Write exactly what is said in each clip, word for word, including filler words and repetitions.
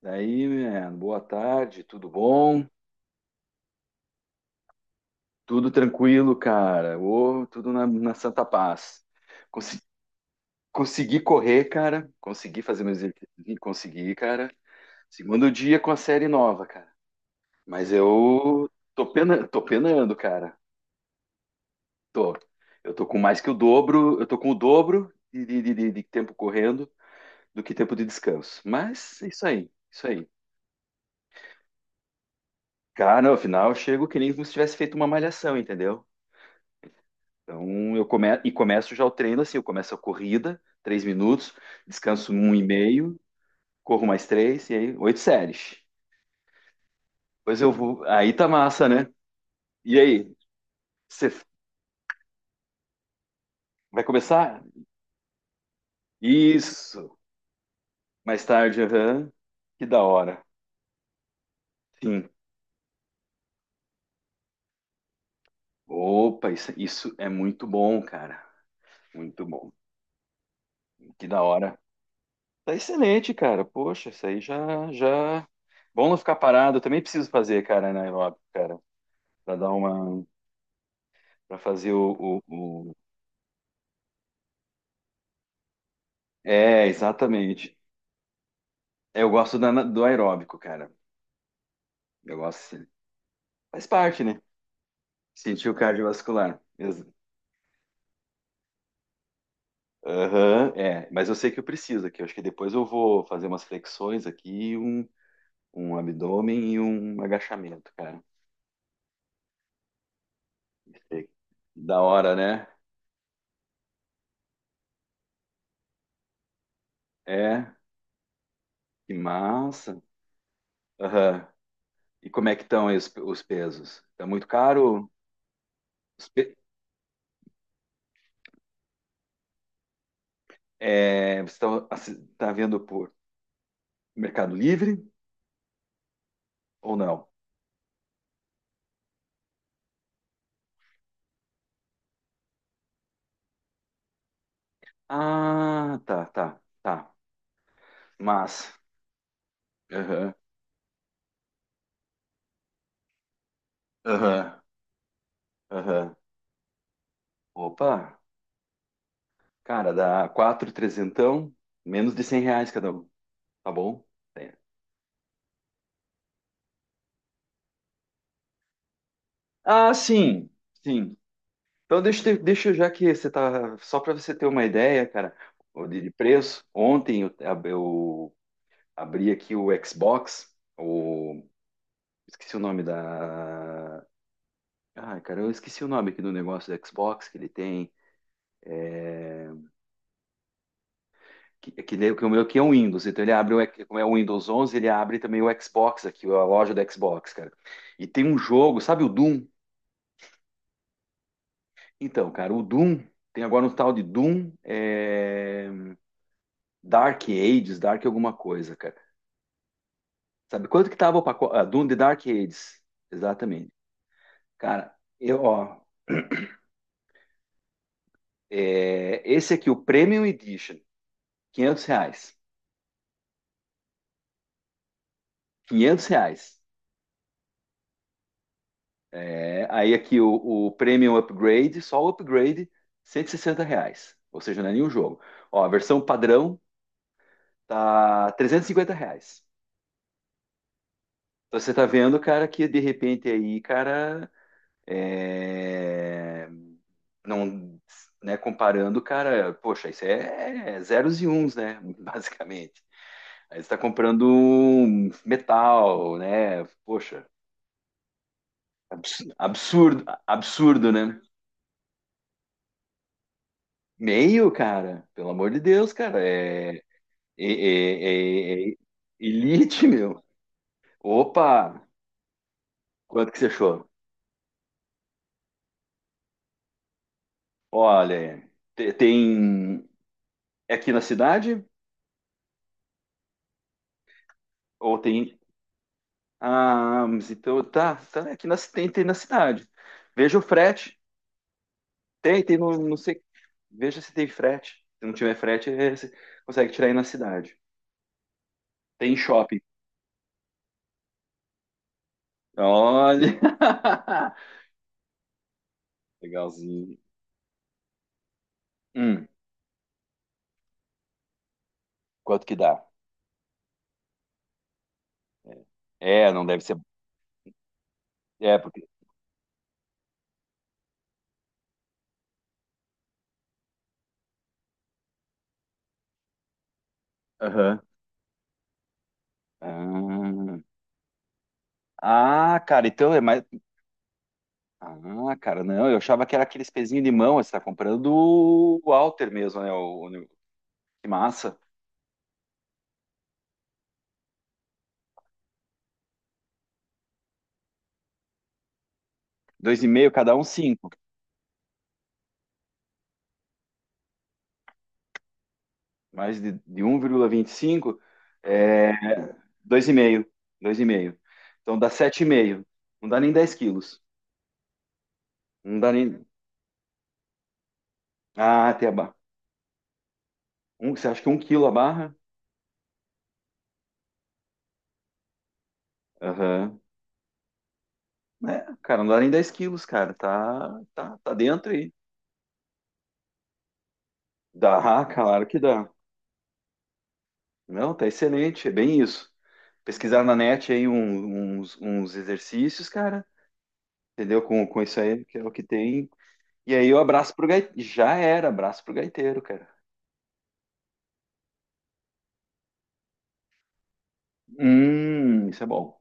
Daí, mano, boa tarde, tudo bom? Tudo tranquilo, cara. Ô, tudo na, na santa paz. Conse- consegui correr, cara. Consegui fazer meus exercícios. Consegui, cara. Segundo dia com a série nova, cara. Mas eu tô pena, tô penando, cara. Tô. Eu tô com mais que o dobro. Eu tô com o dobro de, de, de, de de tempo correndo do que tempo de descanso. Mas é isso aí, isso aí. Cara, no final eu chego que nem como se tivesse feito uma malhação, entendeu? Então, eu come... e começo já o treino assim, eu começo a corrida, três minutos, descanso um e meio, corro mais três, e aí oito séries. Depois eu vou, aí tá massa, né? E aí, você vai começar? Isso, mais tarde, aham. Que da hora. Sim. Opa, isso, isso é muito bom, cara. Muito bom. Que da hora. Tá excelente, cara. Poxa, isso aí já, já... Bom não ficar parado, eu também preciso fazer, cara, na aeróbica, cara, para dar uma, para fazer o, o, É, exatamente. Eu gosto da- do aeróbico, cara. Eu gosto. Assim, faz parte, né? Sentir o cardiovascular. Ex- Aham, é. Mas eu sei que eu preciso aqui. Eu acho que depois eu vou fazer umas flexões aqui, um, um abdômen e um agachamento, cara. Perfeito. Da hora, né? É. Que massa. Aham. E como é que estão aí os, os pesos? Tá muito caro? Os pe- É, você tá, assi- tá vendo por Mercado Livre ou não? Ah, tá, tá, tá. Mas, aham, aham, aham. Opa, cara, dá quatro trezentão, menos de cem reais cada um, tá bom? É. Ah, sim, sim. Então deixa, eu te- deixa eu, já que você tá, só para você ter uma ideia, cara, de de preço. Ontem eu, ab- eu abri aqui o Xbox, o esqueci o nome da, ai, cara, eu esqueci o nome aqui do negócio do Xbox que ele tem. Que, que, nem- que o meu aqui é um Windows, então ele abre, o, X- como é o Windows onze, ele abre também o Xbox aqui, a loja do Xbox, cara. E tem um jogo, sabe o Doom? Então, cara, o Doom, tem agora um tal de Doom é, Dark Ages, Dark alguma coisa, cara. Sabe quanto que tava o pacote? Ah, Doom de Dark Ages, exatamente. Cara, eu, ó, é, esse aqui, o Premium Edition, quinhentos reais. quinhentos reais. É, aí aqui o, o Premium Upgrade, só o upgrade, cento e sessenta reais. Ou seja, não é nenhum jogo. Ó, a versão padrão tá trezentos e cinquenta reais. Então você tá vendo, cara, que de repente aí, cara, é, não, né, comparando, cara, poxa, isso é é zeros e uns, né, basicamente. Aí você tá comprando um metal, né, poxa, abs- absurdo, absurdo, né? Meio, cara, pelo amor de Deus, cara, é É, é, é, é Elite, meu. Opa! Quanto que você achou? Olha, te- tem. É aqui na cidade? Ou tem. Ah, mas então tá, tá é aqui na, ci- tem, tem na cidade. Veja o frete. Tem, tem no, não sei. Veja se tem frete. Se não tiver frete, é- você consegue tirar aí na cidade. Tem em shopping. Olha! Legalzinho. Hum, quanto que dá? É, não deve ser. É, porque. Aham. Ah, Ah, cara, então é mais. Ah, cara, não, eu achava que era aqueles pezinhos de mão, você tá comprando do Walter mesmo, né? O, o- que massa. Dois e meio cada um cinco. Mais de, de um vírgula vinte e cinco é dois e meio. Dois e meio. Então dá sete e meio. Não dá nem dez quilos. Não dá nem. Ah, até a barra. Um, você acha que um quilo a barra? Aham. É, cara, não dá nem dez quilos, cara. Tá, tá, tá dentro aí. Dá, claro que dá. Não, tá excelente, é bem isso. Pesquisar na net aí um- uns, uns exercícios, cara, entendeu? Com, com isso aí, que é o que tem. E aí o abraço pro gaiteiro. Já era, abraço pro gaiteiro, cara. Hum, isso é bom.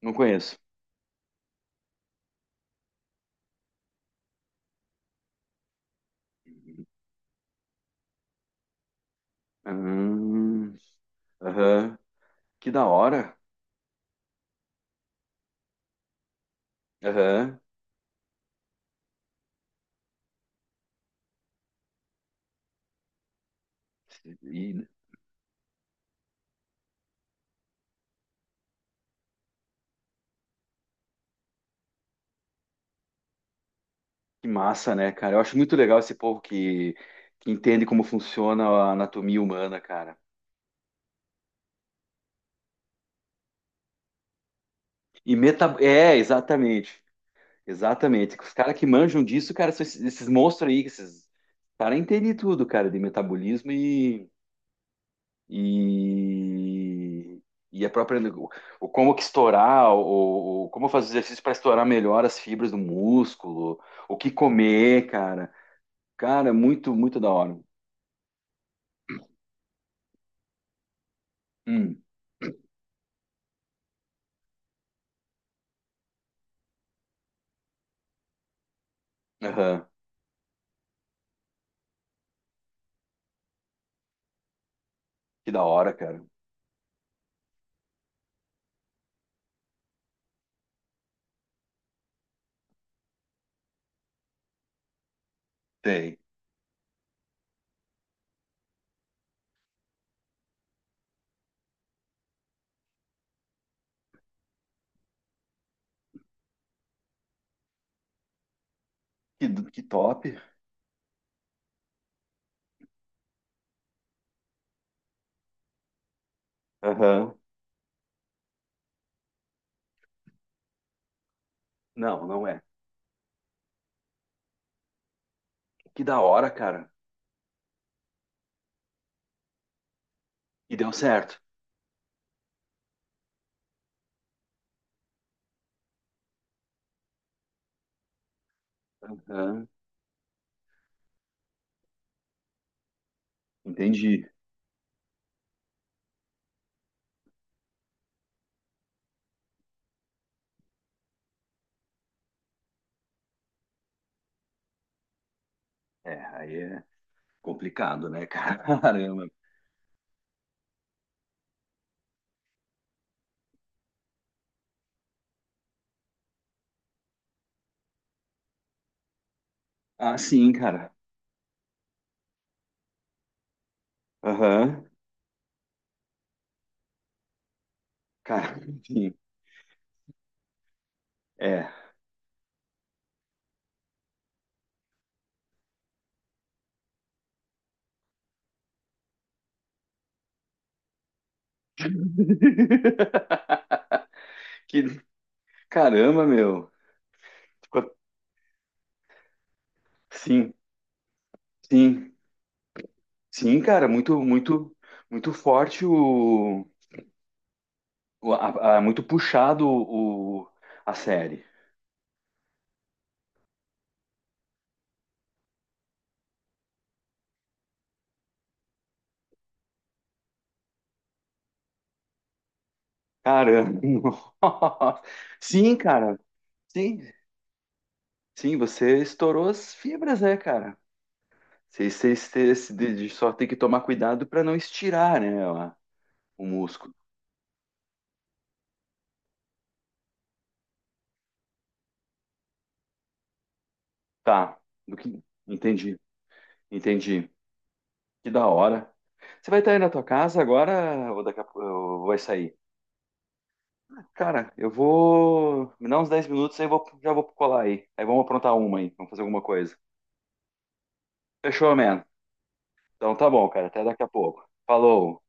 Não conheço. Hum, Aham. Que da hora. Aham. E, que massa, né, cara? Eu acho muito legal esse povo que, que entende como funciona a anatomia humana, cara. E meta... É, exatamente. Exatamente. Os caras que manjam disso, cara, são esses, esses monstros aí, esses caras entendem tudo, cara, de metabolismo e, e, e a própria, o, o como que estourar, o, o como fazer exercício para estourar melhor as fibras do músculo, o que comer, cara. Cara, muito, muito da hora. Hum, aham. Que da hora, cara. Tem. Que, do- que top. Aham. Não, não é. Que da hora, cara. E deu certo. Aham. Entendi. É, aí é. Complicado, né, cara? Caramba. Ah, sim, cara. Aham. Cara, sim. É. Que... Caramba, meu. Ficou- Sim, sim. Sim, cara, muito, muito, muito forte o. o- a- a- muito puxado o, a série. Caramba. Nossa. Sim, cara. Sim, sim, você estourou as fibras, né, cara? Você, você, você- você- de- de só tem que tomar cuidado para não estirar, né, a- o músculo. Tá, do que entendi, entendi. Que da hora. Você vai estar aí na tua casa agora ou daqui a pouco ou vai sair? Cara, eu vou me dar uns dez minutos aí, eu vou, já vou colar aí. Aí vamos aprontar uma aí, vamos fazer alguma coisa. Fechou, man? Então tá bom, cara, até daqui a pouco. Falou.